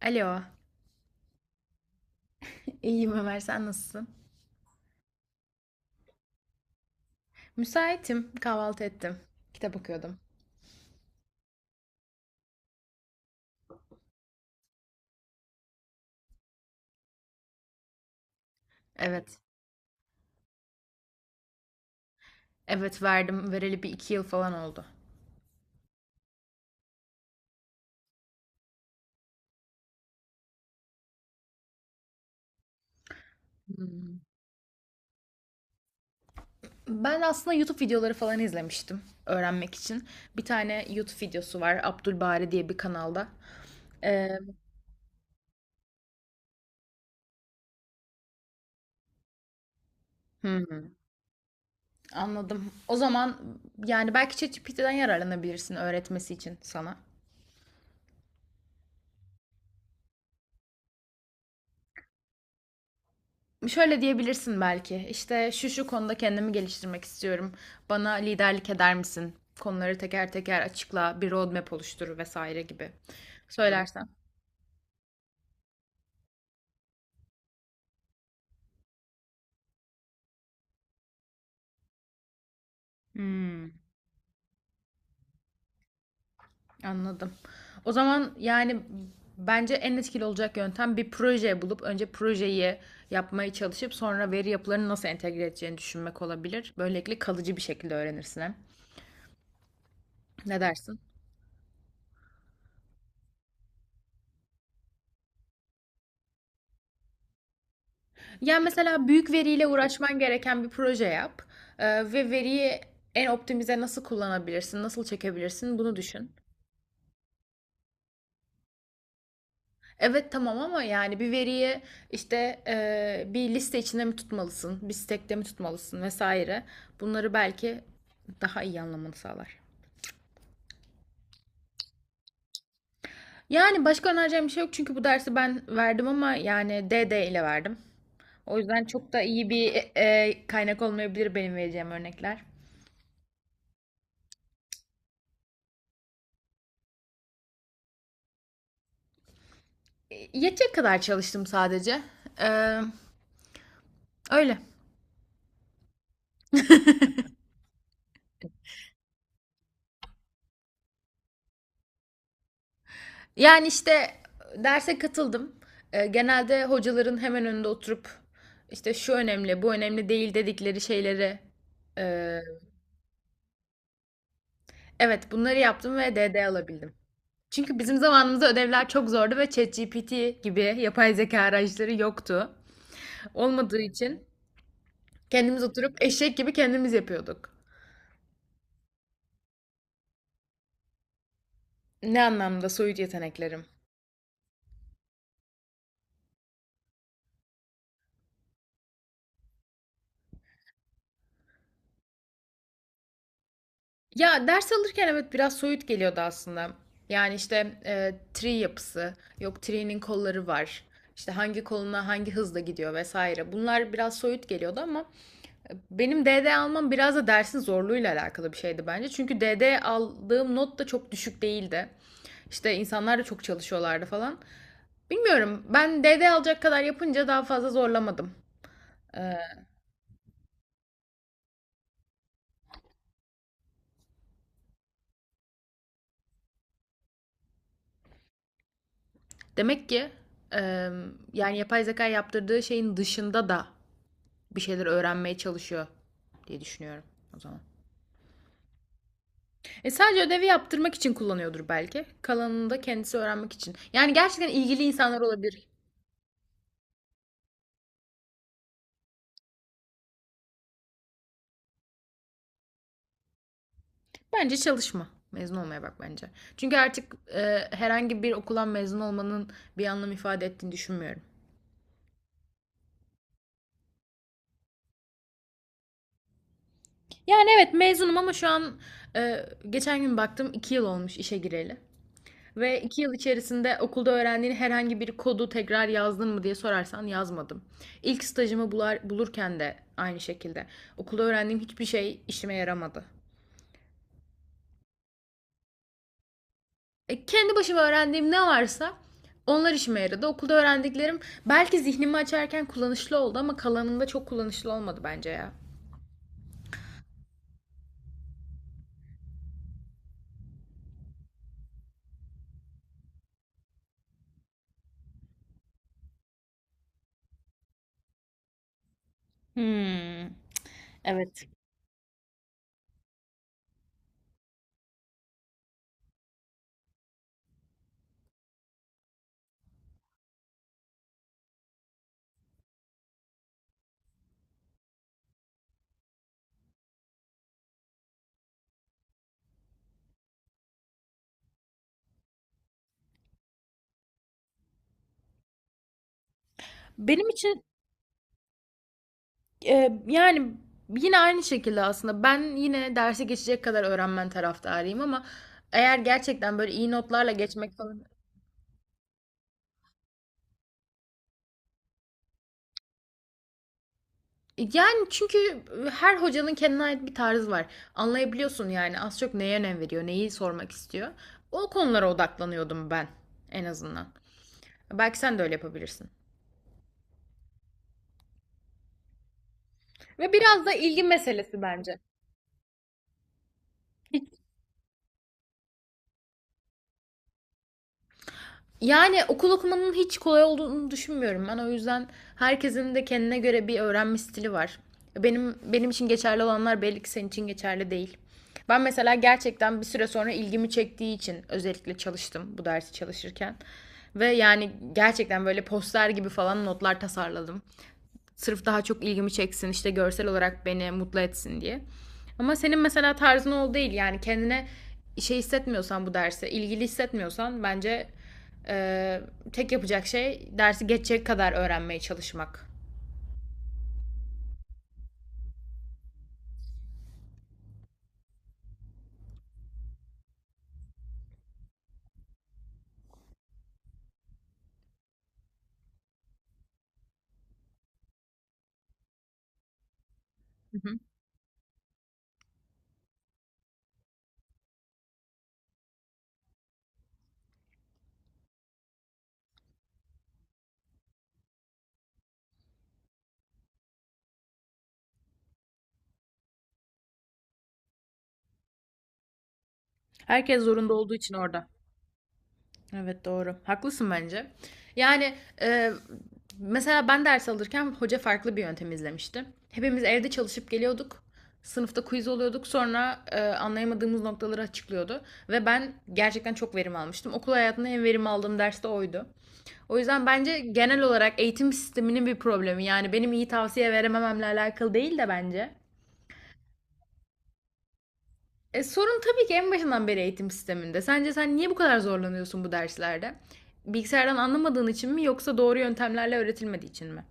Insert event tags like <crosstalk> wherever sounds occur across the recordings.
Alo. <laughs> İyiyim Ömer, sen nasılsın? Müsaitim, kahvaltı ettim. Kitap okuyordum. Evet. Evet verdim. Vereli bir iki yıl falan oldu. Ben aslında YouTube videoları falan izlemiştim öğrenmek için. Bir tane YouTube videosu var Abdülbari diye bir kanalda. Ee, Anladım. O zaman yani belki ChatGPT'den yararlanabilirsin öğretmesi için sana. Şöyle diyebilirsin belki. İşte şu şu konuda kendimi geliştirmek istiyorum. Bana liderlik eder misin? Konuları teker teker açıkla, bir roadmap oluştur vesaire gibi. Söylersen. Hmm, anladım. O zaman yani bence en etkili olacak yöntem bir proje bulup önce projeyi yapmaya çalışıp sonra veri yapılarını nasıl entegre edeceğini düşünmek olabilir. Böylelikle kalıcı bir şekilde öğrenirsin hem. Ne dersin? Yani mesela büyük veriyle uğraşman gereken bir proje yap. Ee, Ve veriyi en optimize nasıl kullanabilirsin, nasıl çekebilirsin bunu düşün. Evet tamam ama yani bir veriyi işte bir liste içinde mi tutmalısın, bir stack'te mi tutmalısın vesaire. Bunları belki daha iyi anlamanı sağlar. Yani başka önereceğim bir şey yok çünkü bu dersi ben verdim ama yani D D ile verdim. O yüzden çok da iyi bir kaynak olmayabilir benim vereceğim örnekler. Yetecek kadar çalıştım sadece. Ee, Öyle. Yani işte derse katıldım. Genelde hocaların hemen önünde oturup işte şu önemli, bu önemli değil dedikleri şeyleri e, evet bunları yaptım ve DD alabildim. Çünkü bizim zamanımızda ödevler çok zordu ve ChatGPT gibi yapay zeka araçları yoktu. Olmadığı için kendimiz oturup eşek gibi kendimiz yapıyorduk. Ne anlamda soyut yeteneklerim? Ya ders alırken evet biraz soyut geliyordu aslında. Yani işte tri yapısı, yok tree'nin kolları var. İşte hangi koluna hangi hızla gidiyor vesaire. Bunlar biraz soyut geliyordu ama benim DD almam biraz da dersin zorluğuyla alakalı bir şeydi bence. Çünkü DD aldığım not da çok düşük değildi. İşte insanlar da çok çalışıyorlardı falan. Bilmiyorum. Ben DD alacak kadar yapınca daha fazla zorlamadım. Ee, Demek ki e, yani yapay zeka yaptırdığı şeyin dışında da bir şeyler öğrenmeye çalışıyor diye düşünüyorum o zaman. E sadece ödevi yaptırmak için kullanıyordur belki. Kalanını da kendisi öğrenmek için. Yani gerçekten ilgili insanlar olabilir. Bence çalışma. Mezun olmaya bak bence. Çünkü artık herhangi bir okuldan mezun olmanın bir anlam ifade ettiğini düşünmüyorum. Yani evet mezunum ama şu an geçen gün baktım 2 yıl olmuş işe gireli. Ve iki yıl içerisinde okulda öğrendiğin herhangi bir kodu tekrar yazdın mı diye sorarsan yazmadım. İlk stajımı bulurken de aynı şekilde. Okulda öğrendiğim hiçbir şey işime yaramadı. Kendi başıma öğrendiğim ne varsa onlar işime yaradı. Okulda öğrendiklerim belki zihnimi açarken kullanışlı oldu ama kalanında çok kullanışlı olmadı bence ya. Hmm, evet. Benim için yani yine aynı şekilde aslında ben yine derse geçecek kadar öğrenmen taraftarıyım ama eğer gerçekten böyle iyi notlarla geçmek falan, yani çünkü her hocanın kendine ait bir tarzı var. Anlayabiliyorsun yani az çok neye önem veriyor, neyi sormak istiyor. O konulara odaklanıyordum ben en azından. Belki sen de öyle yapabilirsin. Ve biraz da ilgi meselesi bence. Yani okul okumanın hiç kolay olduğunu düşünmüyorum ben. O yüzden herkesin de kendine göre bir öğrenme stili var. Benim için geçerli olanlar belli ki senin için geçerli değil. Ben mesela gerçekten bir süre sonra ilgimi çektiği için özellikle çalıştım bu dersi çalışırken. Ve yani gerçekten böyle poster gibi falan notlar tasarladım. Sırf daha çok ilgimi çeksin işte görsel olarak beni mutlu etsin diye. Ama senin mesela tarzın o değil yani kendine şey hissetmiyorsan bu derse ilgili hissetmiyorsan bence e, tek yapacak şey dersi geçecek kadar öğrenmeye çalışmak. Hı hı. Herkes zorunda olduğu için orada. Evet doğru. Haklısın bence. Yani e, mesela ben ders alırken hoca farklı bir yöntem izlemişti. Hepimiz evde çalışıp geliyorduk. Sınıfta quiz oluyorduk. Sonra anlayamadığımız noktaları açıklıyordu. Ve ben gerçekten çok verim almıştım. Okul hayatında en verim aldığım ders de oydu. O yüzden bence genel olarak eğitim sisteminin bir problemi. Yani benim iyi tavsiye veremememle alakalı değil de bence. Sorun tabii ki en başından beri eğitim sisteminde. Sence sen niye bu kadar zorlanıyorsun bu derslerde? Bilgisayardan anlamadığın için mi yoksa doğru yöntemlerle öğretilmediği için mi?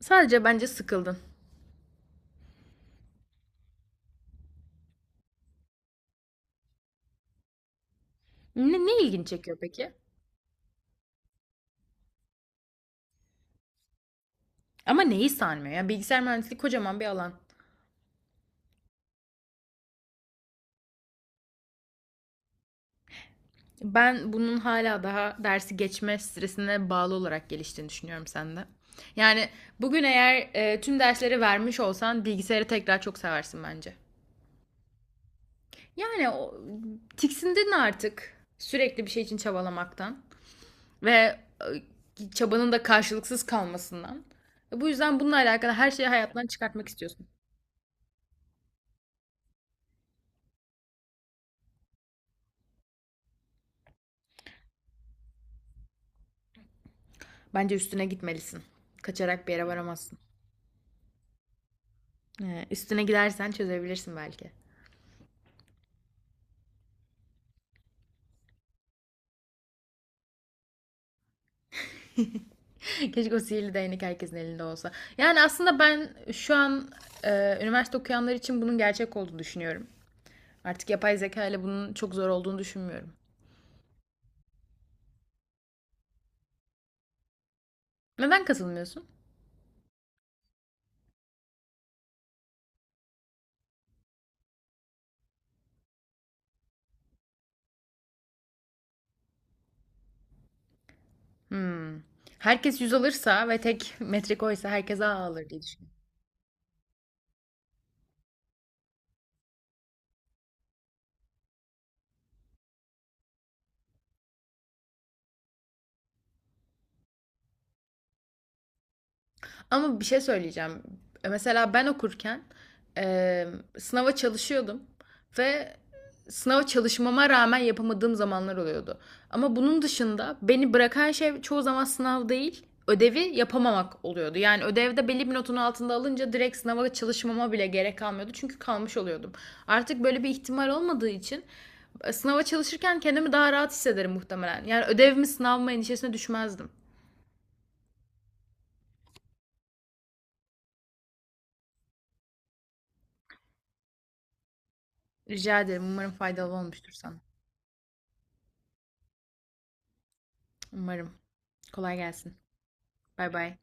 Sadece bence sıkıldın. Ne, ne ilgini çekiyor peki? Ama neyi sarmıyor ya? Bilgisayar mühendisliği kocaman bir alan. Ben bunun hala daha dersi geçme stresine bağlı olarak geliştiğini düşünüyorum sende. Yani bugün eğer tüm dersleri vermiş olsan bilgisayarı tekrar çok seversin bence. Yani o, tiksindin artık sürekli bir şey için çabalamaktan. Ve çabanın da karşılıksız kalmasından. Bu yüzden bununla alakalı her şeyi hayatından çıkartmak istiyorsun. Bence üstüne gitmelisin. Kaçarak bir yere varamazsın. Üstüne gidersen çözebilirsin belki. <laughs> Keşke o sihirli değnek herkesin elinde olsa. Yani aslında ben şu an üniversite okuyanlar için bunun gerçek olduğunu düşünüyorum. Artık yapay zeka ile bunun çok zor olduğunu düşünmüyorum. Neden katılmıyorsun? Hmm. Herkes yüz alırsa ve tek metrik oysa herkes A alır diye düşünüyorum. Ama bir şey söyleyeceğim. Mesela ben okurken e, sınava çalışıyordum ve sınava çalışmama rağmen yapamadığım zamanlar oluyordu. Ama bunun dışında beni bırakan şey çoğu zaman sınav değil, ödevi yapamamak oluyordu. Yani ödevde belli bir notun altında alınca direkt sınava çalışmama bile gerek kalmıyordu. Çünkü kalmış oluyordum. Artık böyle bir ihtimal olmadığı için sınava çalışırken kendimi daha rahat hissederim muhtemelen. Yani ödev mi sınav mı endişesine düşmezdim. Rica ederim. Umarım faydalı olmuştur sana. Umarım. Kolay gelsin. Bay bay.